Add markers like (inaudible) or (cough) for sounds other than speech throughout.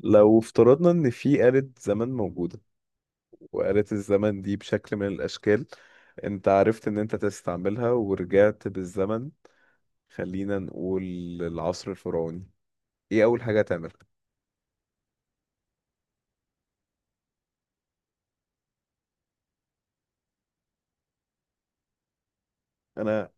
لو افترضنا ان في آلة زمن موجودة، وآلة الزمن دي بشكل من الاشكال انت عرفت ان انت تستعملها ورجعت بالزمن. خلينا نقول العصر الفرعوني. ايه اول حاجة هتعملها؟ انا.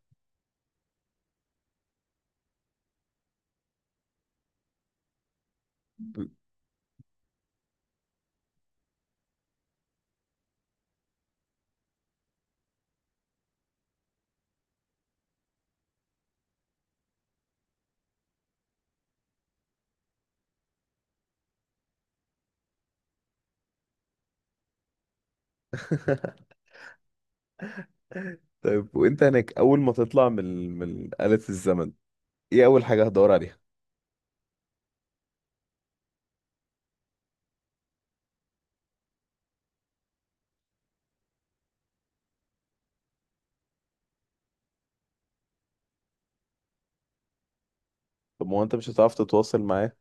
(laughs) طيب، وانت هناك اول ما تطلع من آلة الزمن، ايه اول حاجة هتدور عليها؟ طب ما هو انت مش هتعرف تتواصل معاه.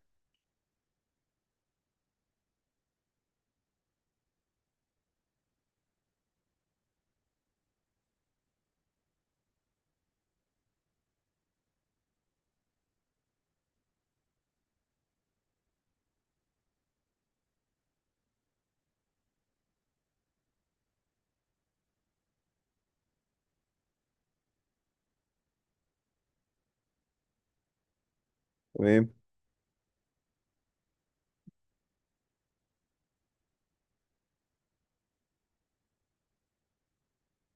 تمام.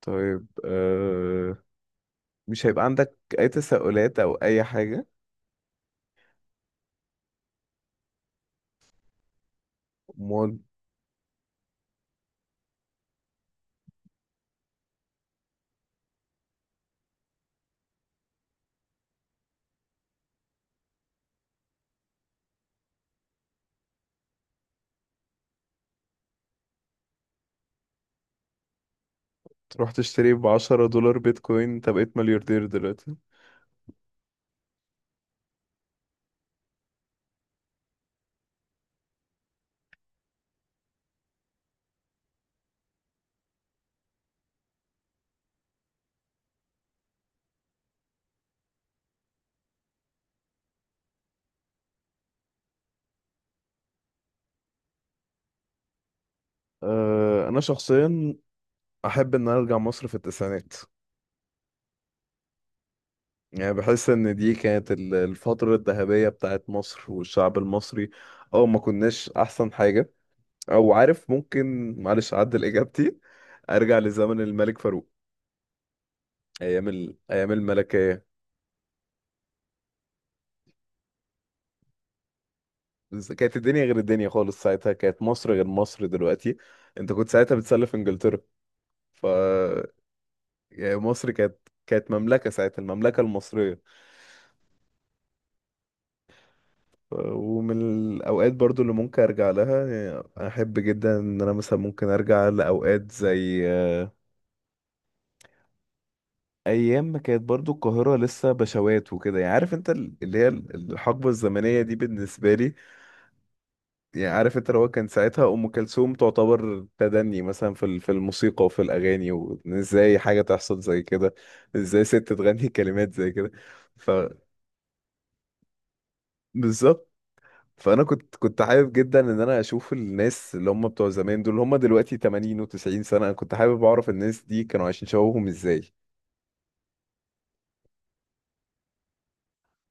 طيب، مش هيبقى عندك اي تساؤلات او اي حاجة؟ امال رحت اشتري ب $10 بيتكوين، انت بقيت ملياردير دلوقتي. أه انا شخصيا احب ان أنا ارجع مصر في التسعينات. يعني بحس ان دي كانت الفترة الذهبية بتاعت مصر والشعب المصري، او ما كناش احسن حاجة. او عارف، ممكن معلش اعدل اجابتي، ارجع لزمن الملك فاروق. ايام الملكية. بس كانت الدنيا غير الدنيا خالص، ساعتها كانت مصر غير مصر دلوقتي. انت كنت ساعتها بتسلف انجلترا. ف يعني مصر كانت مملكة ساعتها، المملكة المصرية. ومن الأوقات برضو اللي ممكن أرجع لها. يعني أحب جدا إن أنا مثلا ممكن أرجع لأوقات زي أيام ما كانت برضو القاهرة لسه بشوات وكده. يعني عارف أنت، الحقبة الزمنية دي بالنسبة لي. يعني عارف أنت، لو كان ساعتها أم كلثوم تعتبر تدني مثلا في الموسيقى وفي الأغاني، وإزاي حاجة تحصل زي كده؟ إزاي ست تغني كلمات زي كده؟ فبالظبط. فانا كنت حابب جدا ان انا اشوف الناس اللي هم بتوع زمان دول، اللي هم دلوقتي 80 و90 سنه. انا كنت حابب اعرف الناس دي كانوا عايشين شبابهم ازاي.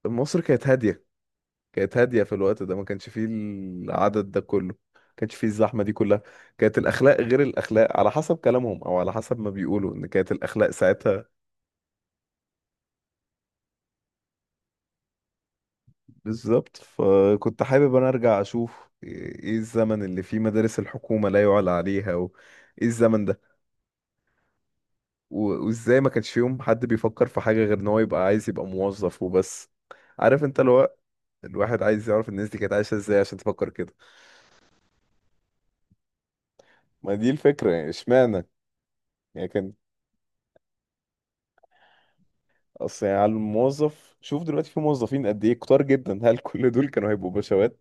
مصر كانت هاديه. كانت هاديه في الوقت ده، ما كانش فيه العدد ده كله، ما كانش فيه الزحمه دي كلها. كانت الاخلاق غير الاخلاق، على حسب كلامهم او على حسب ما بيقولوا ان كانت الاخلاق ساعتها. بالظبط. فكنت حابب انا ارجع اشوف إيه الزمن اللي فيه مدارس الحكومه لا يعلى عليها، وايه الزمن ده، وازاي ما كانش فيهم حد بيفكر في حاجة غير ان هو يبقى عايز يبقى موظف وبس. عارف انت، لو الواحد عايز يعرف الناس دي كانت عايشة ازاي عشان تفكر كده. ما دي الفكرة، يعني اشمعنى. يعني كان، اصل يعني على الموظف، شوف دلوقتي في موظفين قد ايه كتار جدا. (laughs) هل كل دول كانوا هيبقوا بشوات؟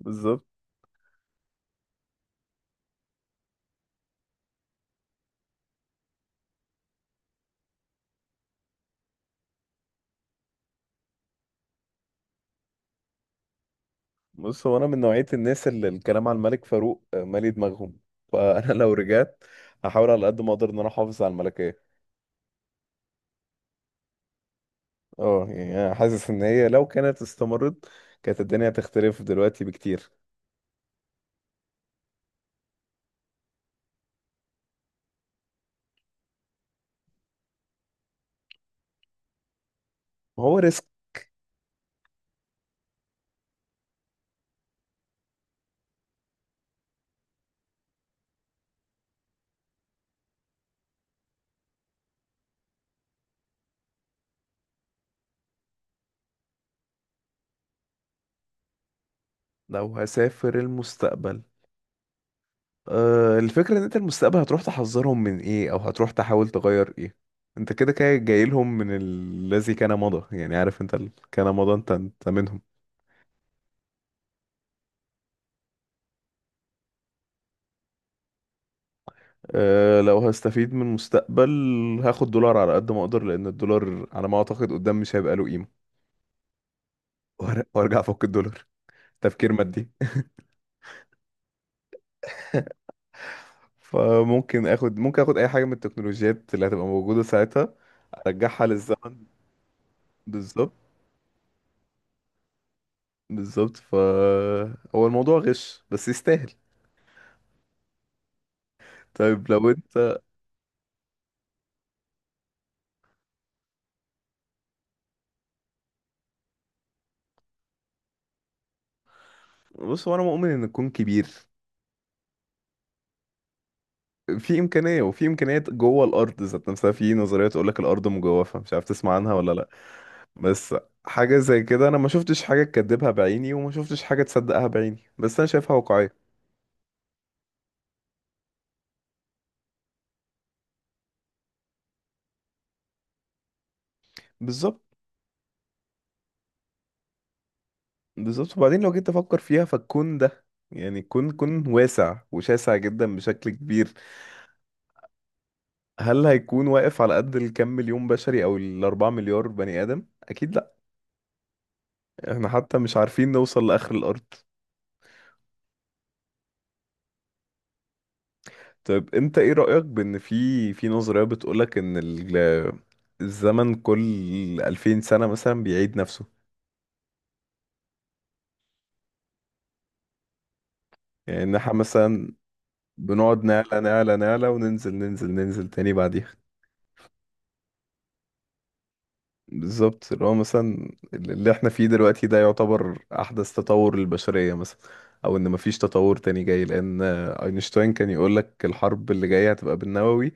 بالظبط. بص، هو انا من نوعية الناس اللي الكلام عن الملك فاروق مالي دماغهم. فانا (laughs) لو رجعت هحاول على قد ما اقدر ان انا احافظ على الملكية. اه يعني انا حاسس ان هي لو كانت استمرت، كانت الدنيا هتختلف دلوقتي بكتير. ما هو ريسك. لو هسافر المستقبل، أه الفكرة ان انت المستقبل هتروح تحذرهم من ايه، او هتروح تحاول تغير ايه؟ انت كده كده جاي لهم من الذي كان مضى. يعني عارف انت، كان مضى، انت منهم. أه لو هستفيد من المستقبل، هاخد دولار على قد ما اقدر لان الدولار على ما اعتقد قدام مش هيبقى له قيمة. وارجع افك الدولار. تفكير مادي. (laughs) فممكن اخد ممكن اخد اي حاجة من التكنولوجيات اللي هتبقى موجودة ساعتها. ارجعها للزمن. بالظبط. بالظبط. ف هو الموضوع غش بس يستاهل. طيب لو انت. بص، هو انا مؤمن ان الكون كبير. في امكانيه، وفي امكانيات جوه الارض ذات نفسها. في نظريه تقول لك الارض مجوفه، مش عارف تسمع عنها ولا لا. بس حاجه زي كده انا ما شفتش حاجه تكذبها بعيني، وما شفتش حاجه تصدقها بعيني، بس انا شايفها واقعيه. بالظبط. بالظبط. وبعدين لو جيت افكر فيها، فالكون ده يعني كون كون واسع وشاسع جدا بشكل كبير. هل هيكون واقف على قد الكم مليون بشري او الاربعة مليار بني ادم؟ اكيد لا. احنا حتى مش عارفين نوصل لآخر الأرض. طيب، انت ايه رأيك بان في نظرية بتقولك ان الزمن كل 2000 سنة مثلا بيعيد نفسه. يعني ان احنا مثلا بنقعد نعلى نعلى نعلى وننزل ننزل ننزل تاني بعديها. بالظبط، اللي هو مثلا اللي احنا فيه دلوقتي ده يعتبر أحدث تطور للبشرية مثلا. او ان مفيش تطور تاني جاي. لان اينشتاين كان يقولك الحرب اللي جاية هتبقى بالنووي،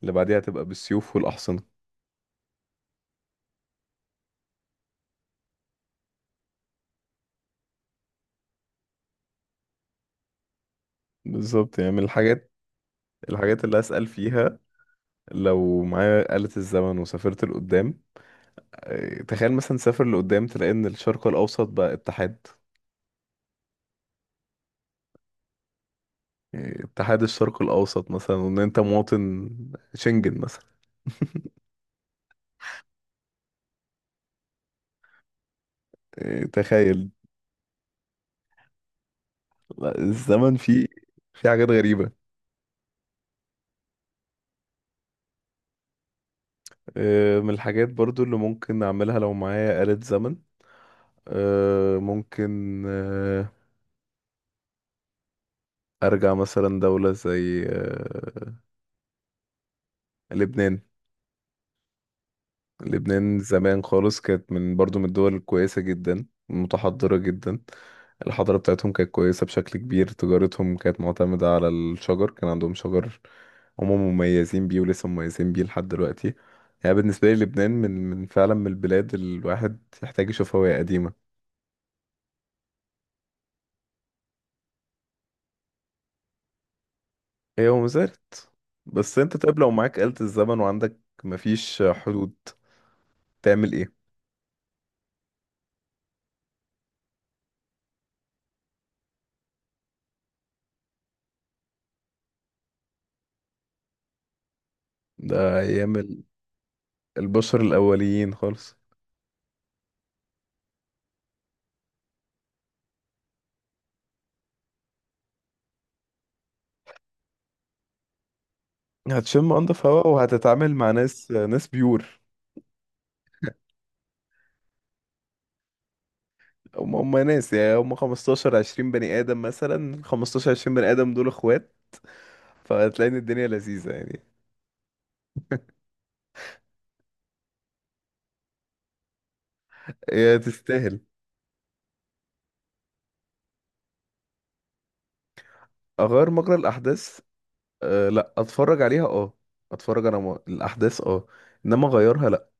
اللي بعديها هتبقى بالسيوف والأحصنة. بالظبط. يعني من الحاجات، اللي أسأل فيها. لو معايا آلة الزمن وسافرت لقدام، تخيل مثلا سافر لقدام تلاقي إن الشرق الأوسط بقى اتحاد. يعني اتحاد الشرق الأوسط مثلا، وإن أنت مواطن شنجن مثلا. تخيل. لا، الزمن فيه في حاجات غريبة. من الحاجات برضو اللي ممكن أعملها لو معايا آلة زمن. ممكن أرجع مثلا دولة زي لبنان. لبنان زمان خالص كانت من برضو من الدول الكويسة جدا، متحضرة جدا. الحضارة بتاعتهم كانت كويسة بشكل كبير، تجارتهم كانت معتمدة على الشجر، كان عندهم شجر هم مميزين بيه، ولسه مميزين بيه لحد دلوقتي. يعني بالنسبة لي، لبنان من فعلا من البلاد اللي الواحد يحتاج يشوفها وهي قديمة. هي وما زالت. بس انت طيب، لو معاك آلة الزمن وعندك مفيش حدود، تعمل ايه؟ ده أيام البشر الأوليين خالص. هتشم انضف هواء، وهتتعامل مع ناس ناس بيور. هم ناس. يعني هم 15 20 بني ادم مثلا، 15 20 بني ادم دول اخوات. فهتلاقي ان الدنيا لذيذة يعني. هي تستاهل. اغير مجرى الاحداث؟ أه لا، اتفرج عليها. اه اتفرج انا الاحداث، اه، انما اغيرها لا.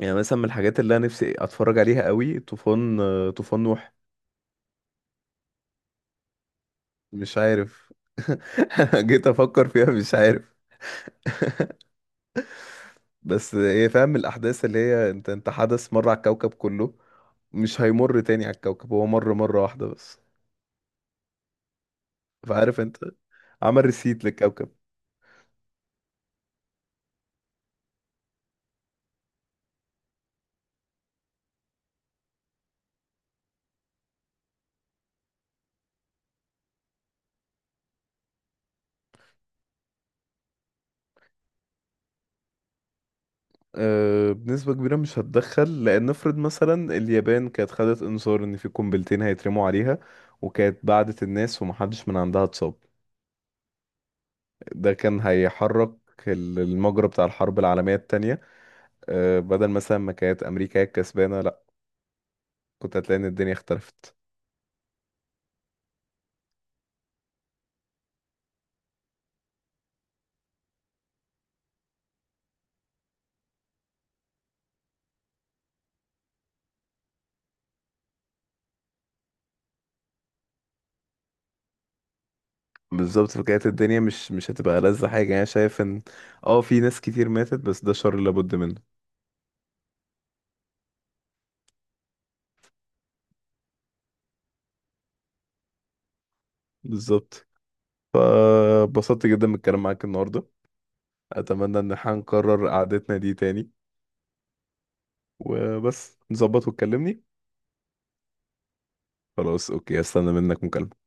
يعني مثلا من الحاجات اللي انا نفسي اتفرج عليها قوي طوفان، طوفان نوح. مش عارف. (laughs) جيت افكر فيها، مش عارف. (laughs) بس ايه، فاهم الأحداث اللي هي انت حدث مرة على الكوكب كله، مش هيمر تاني على الكوكب، هو مر مرة واحدة بس. فعارف انت، عمل ريسيت للكوكب. أه بنسبة كبيرة مش هتدخل، لأن نفرض مثلا اليابان كانت خدت إنذار إن في قنبلتين هيترموا عليها، وكانت بعدت الناس ومحدش من عندها اتصاب. ده كان هيحرك المجرى بتاع الحرب العالمية التانية. أه بدل مثلا ما كانت أمريكا هي الكسبانة، لأ كنت هتلاقي إن الدنيا اختلفت. بالظبط. فكانت الدنيا مش هتبقى لذة حاجة، يعني شايف ان اه في ناس كتير ماتت، بس ده شر لابد منه. بالظبط. فبسطت جدا من الكلام معاك النهاردة. اتمنى ان احنا نكرر قعدتنا دي تاني. وبس نظبط وتكلمني. خلاص اوكي، هستنى منك مكالمة.